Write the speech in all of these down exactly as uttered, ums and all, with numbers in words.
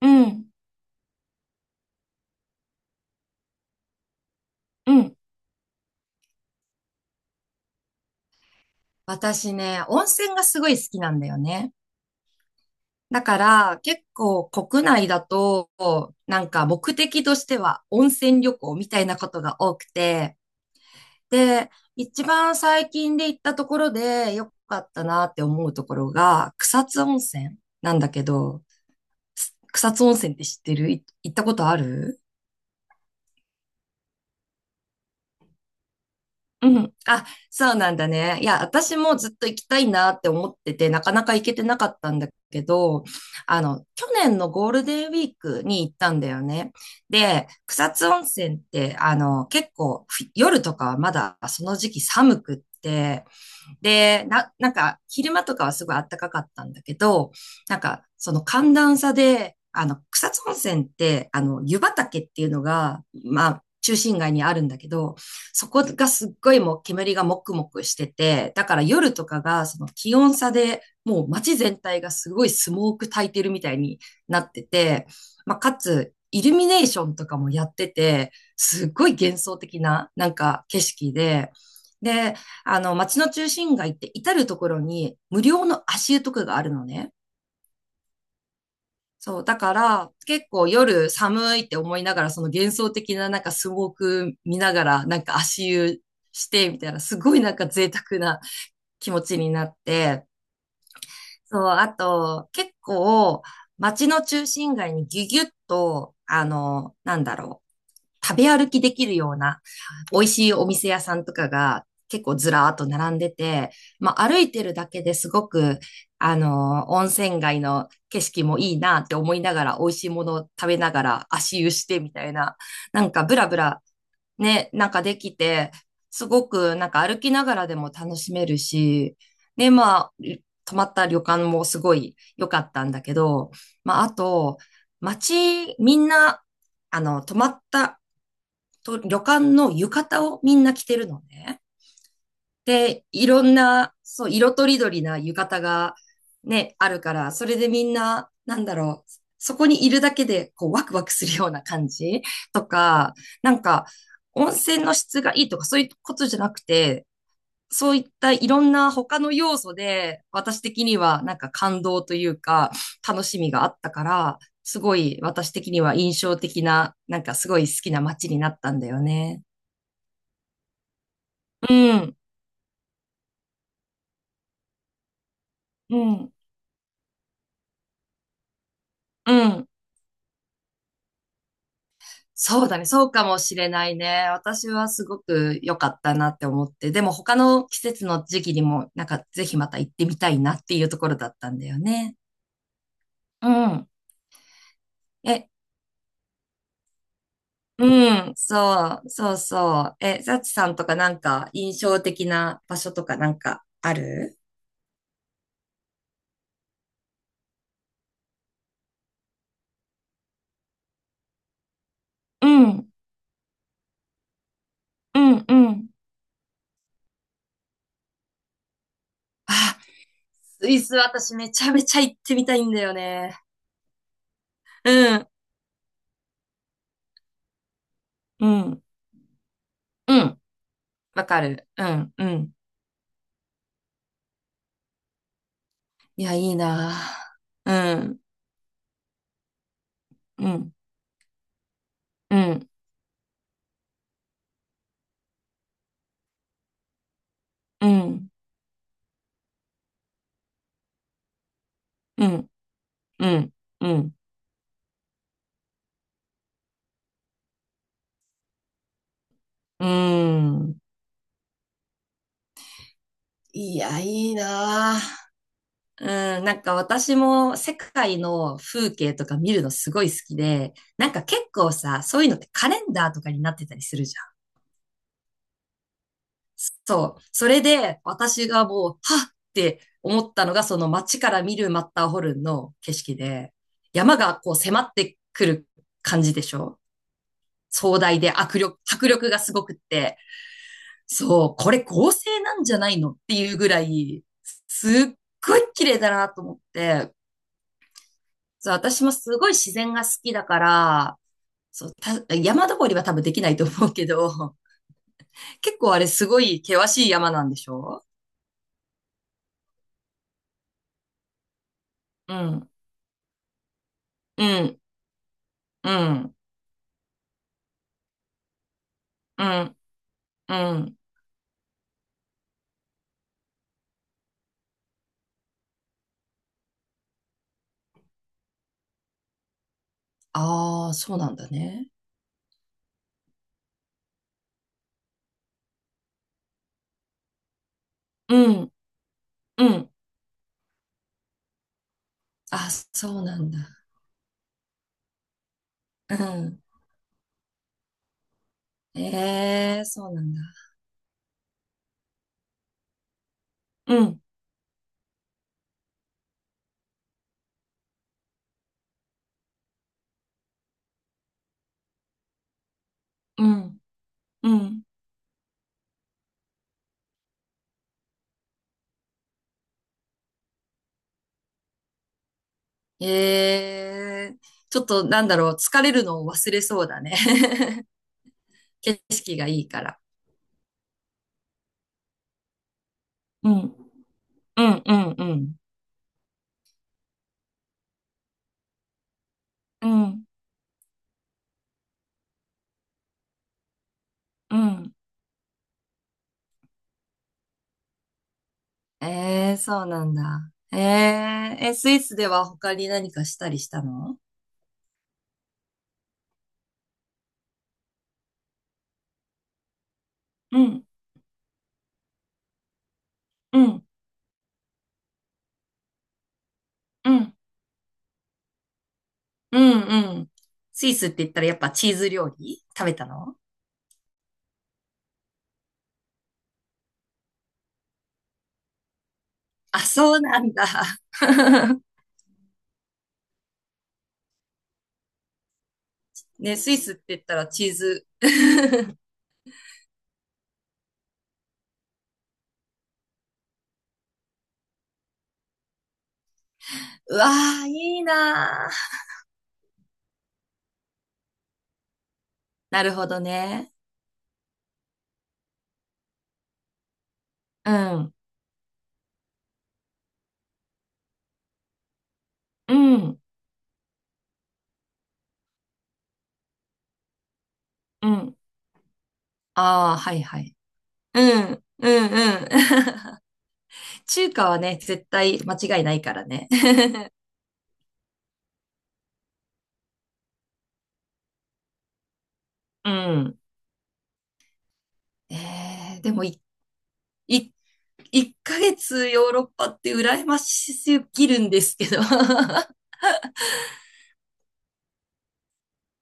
うん、うん、私ね、温泉がすごい好きなんだよね。だから、結構国内だと、なんか目的としては温泉旅行みたいなことが多くて、で、一番最近で行ったところで良かったなって思うところが、草津温泉なんだけど、草津温泉って知ってるい行ったことある？うん。あ、そうなんだね。いや、私もずっと行きたいなって思ってて、なかなか行けてなかったんだけど、あの、去年のゴールデンウィークに行ったんだよね。で、草津温泉って、あの、結構、ふ夜とかはまだその時期寒くって、で、な、なんか、昼間とかはすごい暖かかったんだけど、なんか、その寒暖差で、あの、草津温泉って、あの、湯畑っていうのが、まあ、中心街にあるんだけど、そこがすっごいもう煙がもくもくしてて、だから夜とかがその気温差でもう街全体がすごいスモーク焚いてるみたいになってて、まあ、かつイルミネーションとかもやってて、すっごい幻想的ななんか景色で、で、あの、街の中心街って至るところに無料の足湯とかがあるのね。そう、だから結構夜寒いって思いながら、その幻想的ななんかスモーク見ながら、なんか足湯してみたいな、すごいなんか贅沢な気持ちになって、そう、あと結構街の中心街にギュギュッと、あの、なんだろう。食べ歩きできるような美味しいお店屋さんとかが結構ずらーっと並んでて、まあ歩いてるだけですごく、あの、温泉街の景色もいいなって思いながら、美味しいものを食べながら足湯してみたいな、なんかブラブラね、なんかできて、すごくなんか歩きながらでも楽しめるし、ね、まあ、泊まった旅館もすごい良かったんだけど、まああと、街、みんな、あの、泊まったと旅館の浴衣をみんな着てるのね。で、いろんな、そう、色とりどりな浴衣がね、あるから、それでみんな、なんだろう、そこにいるだけで、こう、ワクワクするような感じとか、なんか、温泉の質がいいとか、そういうことじゃなくて、そういったいろんな他の要素で、私的にはなんか感動というか、楽しみがあったから、すごい私的には印象的な、なんかすごい好きな街になったんだよね。うん、うん、うん。そうだね。そうかもしれないね。私はすごく良かったなって思って。でも他の季節の時期にも、なんかぜひまた行ってみたいなっていうところだったんだよね。うん。え、うん。そう、そうそう。え、サチさんとかなんか印象的な場所とかなんかある？うん、うん、うん。あ、スイス私めちゃめちゃ行ってみたいんだよね。うん、うん、うん。わかる。うん、うん。いや、いいなぁ。うん、うん、うん、うん、うん、うん、うん、うん。いや、いいなぁ。うん、なんか私も世界の風景とか見るのすごい好きで、なんか結構さ、そういうのってカレンダーとかになってたりするじゃん。そう。それで私がもう、はっって思ったのが、その街から見るマッターホルンの景色で、山がこう迫ってくる感じでしょ？壮大で迫力、迫力がすごくって、そう、これ合成なんじゃないのっていうぐらい、すっごい綺麗だなと思って、そう、私もすごい自然が好きだから、そう、た、山登りは多分できないと思うけど、結構あれすごい険しい山なんでしょ？うん、うん、うん、うん、うん。ああ、そうなんだね。うん、うん。あ、そうなんだ。うん。ええ、そうなんだ。うん、うん、うん。ええちょっとなんだろう、疲れるのを忘れそうだね。景色がいいから。うん、うん、うん、うん、うん、うん。ええそうなんだ。えええ、スイスでは他に何かしたりしたの？うん、うん、うん。うんうん。スイスって言ったらやっぱチーズ料理食べたの？あ、そうなんだ。ね、スイスって言ったらチーズ。うわー、いいなー。なるほどね。うんうん、うん。ああ、はいはい。うん、うん、うん。中華はね、絶対間違いないからね。うん。えー、でもい、い、いっかげつヨーロッパって羨ましすぎるんですけど。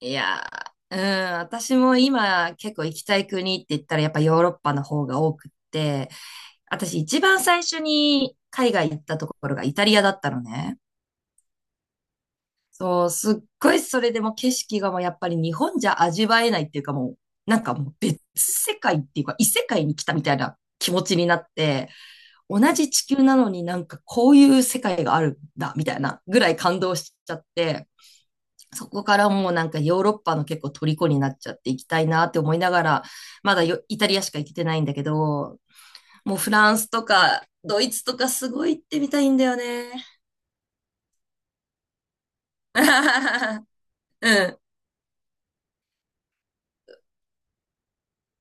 いやー、うん、私も今結構行きたい国って言ったらやっぱヨーロッパの方が多くって、私一番最初に海外行ったところがイタリアだったのね。そう、すっごいそれでも景色がもうやっぱり日本じゃ味わえないっていうかもう、なんかもう別世界っていうか異世界に来たみたいな気持ちになって、同じ地球なのになんかこういう世界があるんだみたいなぐらい感動しちゃって、そこからもうなんかヨーロッパの結構虜になっちゃって行きたいなって思いながら、まだよイタリアしか行けてないんだけど、もうフランスとかドイツとかすごい行ってみたいんだよね。うん。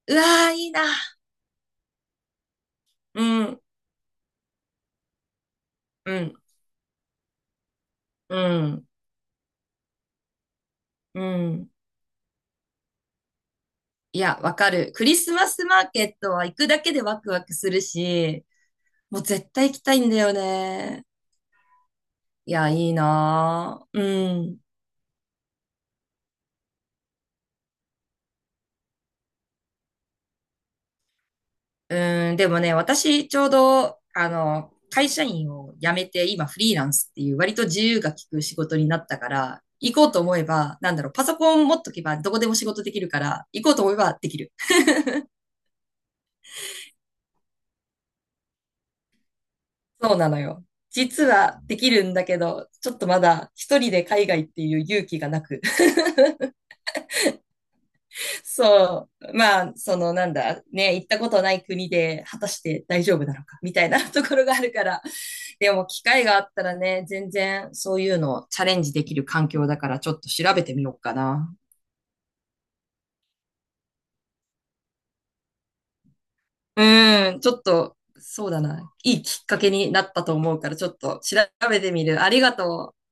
うわー、いいな。うん。うん、うん、うん。いや、わかる。クリスマスマーケットは行くだけでワクワクするし、もう絶対行きたいんだよね。いや、いいなぁ。うん。うん、でもね、私、ちょうど、あの、会社員を辞めて、今フリーランスっていう、割と自由が利く仕事になったから、行こうと思えば、なんだろう、パソコン持っとけばどこでも仕事できるから、行こうと思えばできる。そうなのよ。実はできるんだけど、ちょっとまだ一人で海外っていう勇気がなく。そう。まあ、そのなんだ、ね、行ったことない国で果たして大丈夫なのか、みたいな ところがあるから。でも、機会があったらね、全然そういうのをチャレンジできる環境だから、ちょっと調べてみようかな。うん、ちょっと、そうだな。いいきっかけになったと思うから、ちょっと調べてみる。ありがとう。